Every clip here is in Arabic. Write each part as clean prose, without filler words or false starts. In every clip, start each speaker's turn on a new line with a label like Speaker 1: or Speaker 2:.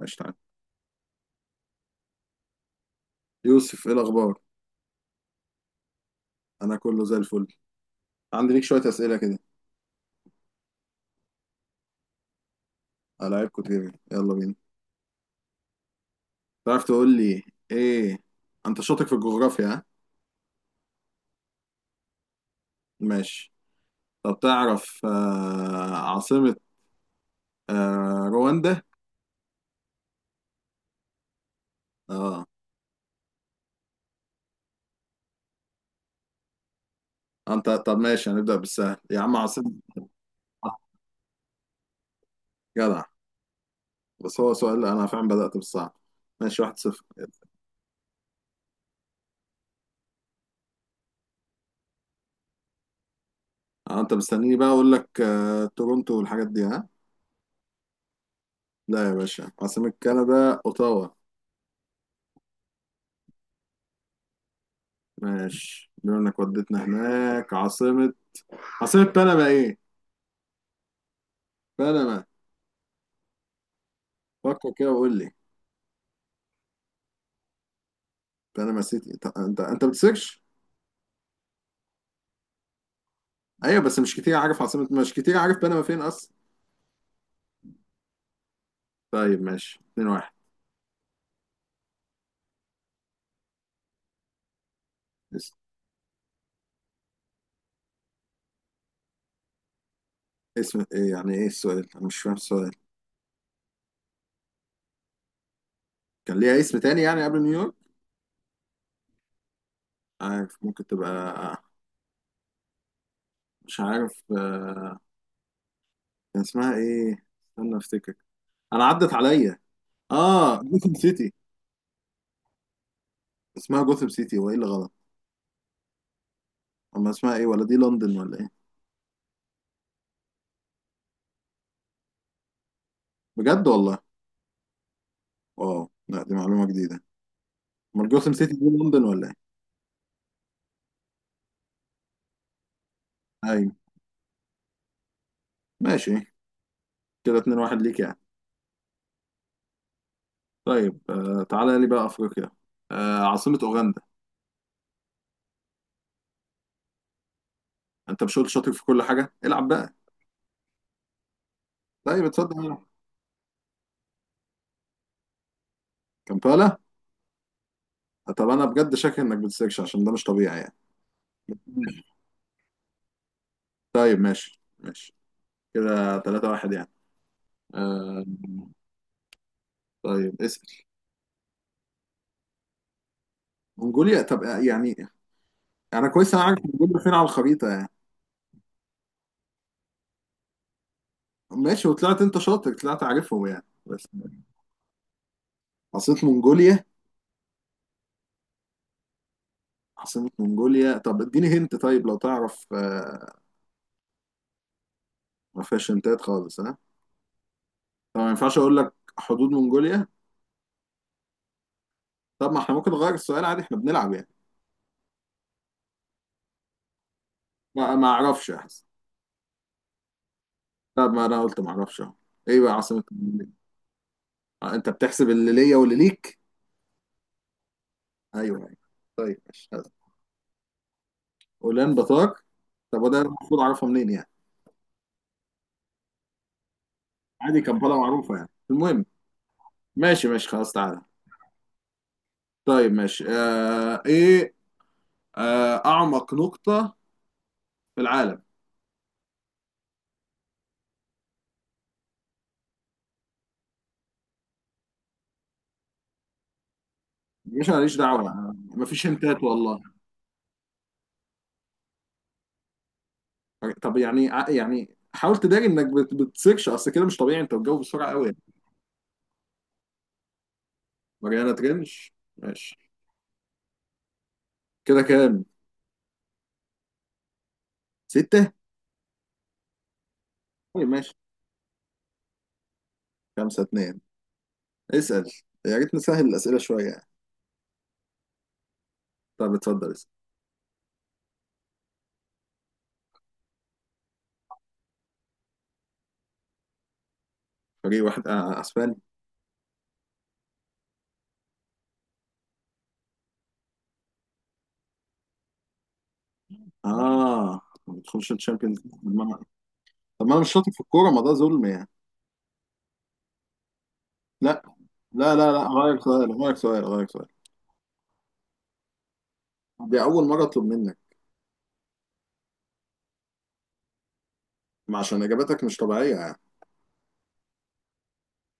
Speaker 1: قشطة عليك. يوسف ايه الاخبار؟ انا كله زي الفل. عندي ليك شويه اسئله كده. العيبكم تجري يلا بينا. تعرف تقول لي ايه؟ انت شاطر في الجغرافيا ها؟ ماشي. طب تعرف عاصمه رواندا؟ اه. انت طب ماشي هنبدا بالسهل يا عم عاصمه. آه، جدع. بس هو سؤال انا فعلا بدات بالصعب. ماشي واحد صفر. انت مستنيني بقى اقول لك تورونتو والحاجات دي ها؟ لا يا باشا، عاصمه كندا اوتاوا. ماشي بما انك وديتنا هناك عاصمة، عاصمة بنما ايه؟ بنما. فكر كده وقول لي. بنما سيتي، انت بتسكش؟ ايوه بس مش كتير عارف عاصمة، مش كتير عارف بنما فين اصلا. طيب ماشي 2 1. اس- اسم ايه؟ يعني ايه السؤال؟ انا مش فاهم السؤال. كان ليها اسم تاني يعني قبل نيويورك؟ عارف ممكن تبقى، مش عارف آه، كان اسمها ايه؟ استنى افتكر. انا عدت عليا. اه، جوثام سيتي. اسمها جوثام سيتي، وايه اللي غلط؟ اما اسمها ايه؟ ولا دي لندن ولا ايه؟ بجد والله؟ اه لا دي معلومة جديدة. امال جوثام سيتي دي لندن ولا ايه؟ ايوه. ماشي. كده 2-1 ليك يعني. طيب آه تعالى لي بقى افريقيا، آه عاصمة اوغندا. انت مش قلت شاطر في كل حاجة؟ العب بقى. طيب اتصدق يلا. كامبالا. آه، طب انا بجد شاكك انك بتسيرش عشان ده مش طبيعي يعني. طيب ماشي ماشي. كده 3-1 يعني. آه. طيب اسأل. منجوليا؟ طب يعني انا كويس، انا عارف منجوليا فين على الخريطة يعني. ماشي وطلعت انت شاطر، طلعت عارفهم يعني بس. عاصمة منجوليا، عاصمة منغوليا. طب اديني هنت، طيب لو تعرف ما فيهاش هنتات خالص ها؟ طب ما ينفعش اقول لك حدود منغوليا؟ طب ما احنا ممكن نغير السؤال عادي، احنا بنلعب يعني. ما اعرفش احسن. طب ما انا قلت ما اعرفش اهو. ايه بقى عاصمة منغوليا؟ آه، انت بتحسب اللي ليا واللي ليك؟ ايوه. طيب ماشي. اولان بطاق. طب وده المفروض اعرفها منين يعني؟ عادي كمبالا معروفة يعني، المهم. ماشي ماشي خلاص تعالى. طيب ماشي آه ايه، آه اعمق نقطة في العالم. مش ماليش دعوه. مفيش هنتات والله. طب يعني يعني حاول تداري انك بتسيرش، اصل كده مش طبيعي، انت بتجاوب بسرعه قوي يعني. ماريانا ترنش. ماشي كده كام؟ سته. طيب ماشي. خمسه اتنين. اسال. يا ريت نسهل الاسئله شويه يعني. طب اتفضل اسال. فريق واحد آه اسباني. اه، ما بتدخلش الشامبيونز ليج. طب ما انا، طب ما أنا مش شاطر في الكوره، ما ده ظلم يعني. لا لا، غير سؤال، غير سؤال، غير سؤال. دي اول مره اطلب منك. ما عشان اجاباتك مش طبيعيه يعني.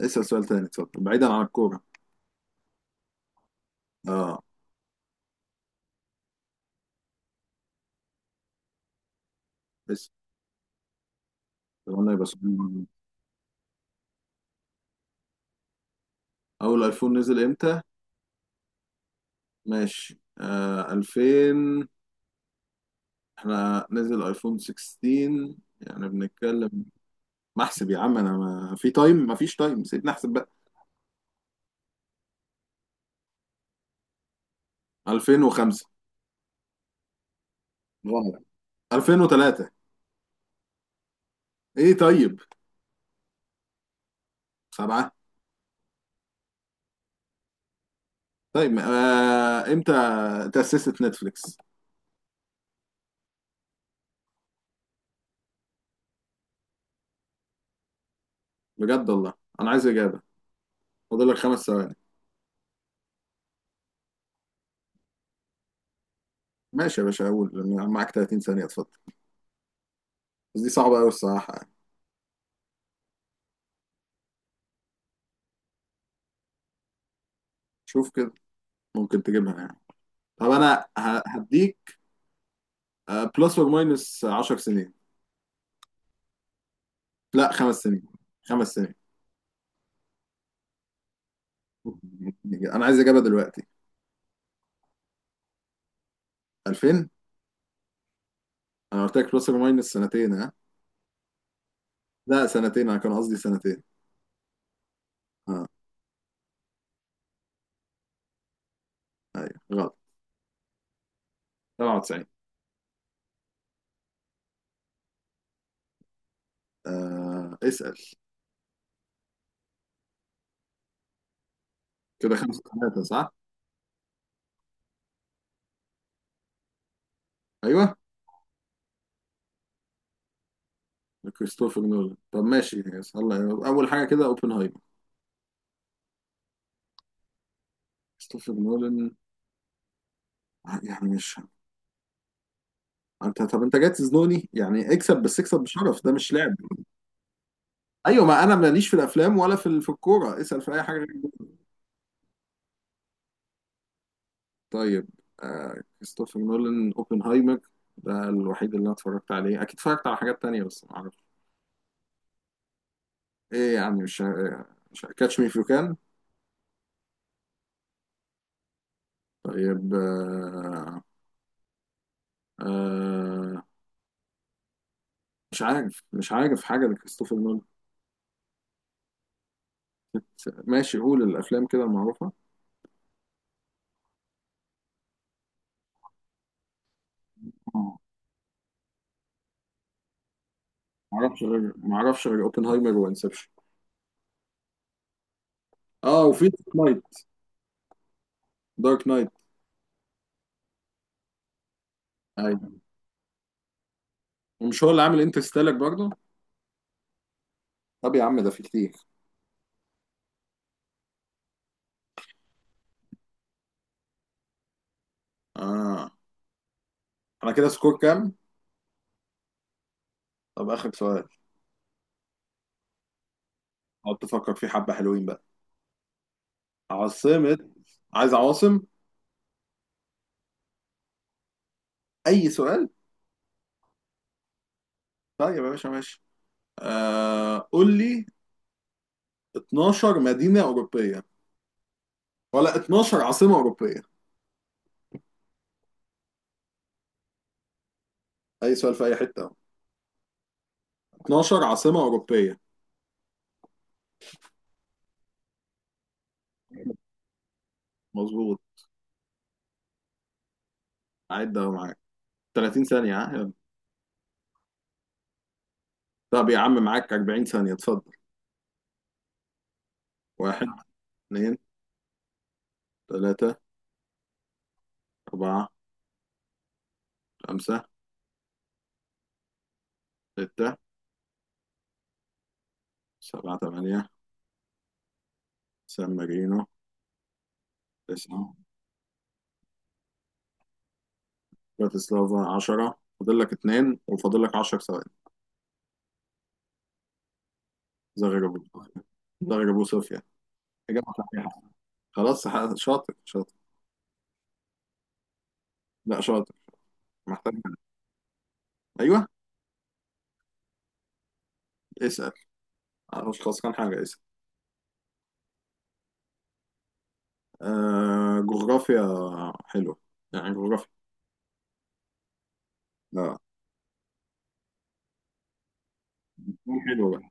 Speaker 1: اسال سؤال تاني اتفضل، بعيدا عن الكوره. اه بس قلنا يبقى سؤال. اول ايفون نزل امتى؟ ماشي آه 2000. احنا نزل ايفون 16 يعني بنتكلم. ما احسب يا عم انا، ما في تايم، ما فيش تايم، سيبني احسب بقى. 2005. غلط. 2003. ايه طيب. سبعة. طيب آه امتى تأسست نتفليكس؟ بجد والله؟ انا عايز اجابة. فاضل لك خمس ثواني. ماشي يا باشا اقول. معاك 30 ثانية اتفضل. بس دي صعبة قوي الصراحة يعني. شوف كده، ممكن تجيبها يعني. طب انا هديك بلس اور ماينس 10 سنين. لا خمس سنين. خمس سنين. انا عايز اجابه دلوقتي. 2000. انا قلت لك بلس اور ماينس سنتين ها. لا سنتين، انا كان قصدي سنتين. اه. ايوه غلط. 97. آه اسال. كده خمسة ثلاثة صح؟ ايوه. كريستوفر نولان؟ طب ماشي يس. الله. اول حاجه كده اوبنهايمر. كريستوفر نولان يعني مش، انت طب انت جاي تزنوني يعني؟ اكسب بس اكسب بشرف، ده مش لعب. ايوه ما انا ماليش في الافلام ولا في الكوره، اسال في اي حاجه غير دول. طيب آه كريستوفر نولان اوبنهايمر، ده الوحيد اللي انا اتفرجت عليه، اكيد اتفرجت على حاجات تانية بس ما اعرفش. ايه يعني مش، مش كاتش مي فيو كان؟ طيب آه مش عارف، مش عارف حاجه لكريستوفر نولان. ماشي قول الافلام كده المعروفه. آه، ما اعرفش غير، ما اعرفش غير اوبنهايمر وانسبشن. اه وفي دارك نايت. دارك نايت. ايوه. ومش هو اللي عامل انترستيلر برضه؟ طب يا عم ده في كتير. آه. انا كده سكور كام؟ طب اخر سؤال. اقعد تفكر فيه حبه حلوين بقى. عاصمه. عايز عواصم. اي سؤال. طيب يا باشا ماشي. قول لي 12 مدينه اوروبيه، ولا 12 عاصمه اوروبيه. اي سؤال في اي حته اهو. 12 عاصمه اوروبيه. مظبوط. عد اهو معاك. 30 ثانيه ها يلا. طب يا عم معاك 40 ثانيه اتفضل. واحد. اثنين. ثلاثه. اربعه. خمسه. سته. سبعه ثمانيه. سان مارينو. تسعه. براتسلافا 10. فاضل لك اتنين وفاضل لك 10 ثواني. زغربوب. زغربوب صوفيا. إجابة صحيحة. خلاص شاطر شاطر. لا شاطر. محتاج منك. أيوه. اسأل. أنا مش خسران حاجة، اسأل. آه جغرافيا. حلوة يعني جغرافيا. لا. سؤال حلو بقى.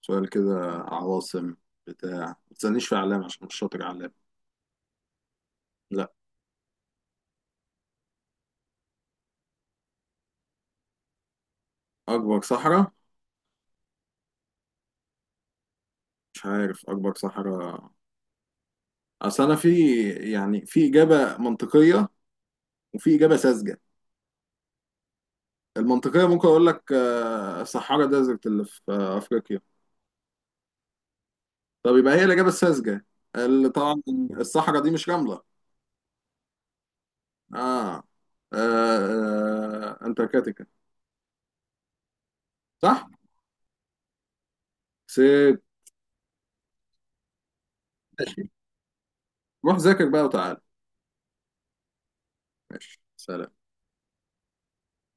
Speaker 1: سؤال كده عواصم بتاع، ما تسألنيش في أعلام عشان مش شاطر أعلام. لا. أكبر صحراء؟ مش عارف أكبر صحراء. أصل أنا في، يعني في إجابة منطقية وفي إجابة ساذجة. المنطقية ممكن أقول لك آه، صحارى ديزرت اللي في آه، أفريقيا. طب يبقى هي الإجابة الساذجة، اللي طبعا الصحراء دي مش رملة. آه, آه, آه أنتاركتيكا. صح؟ سيب. ماشي. روح ذاكر بقى وتعال. ماشي سلام.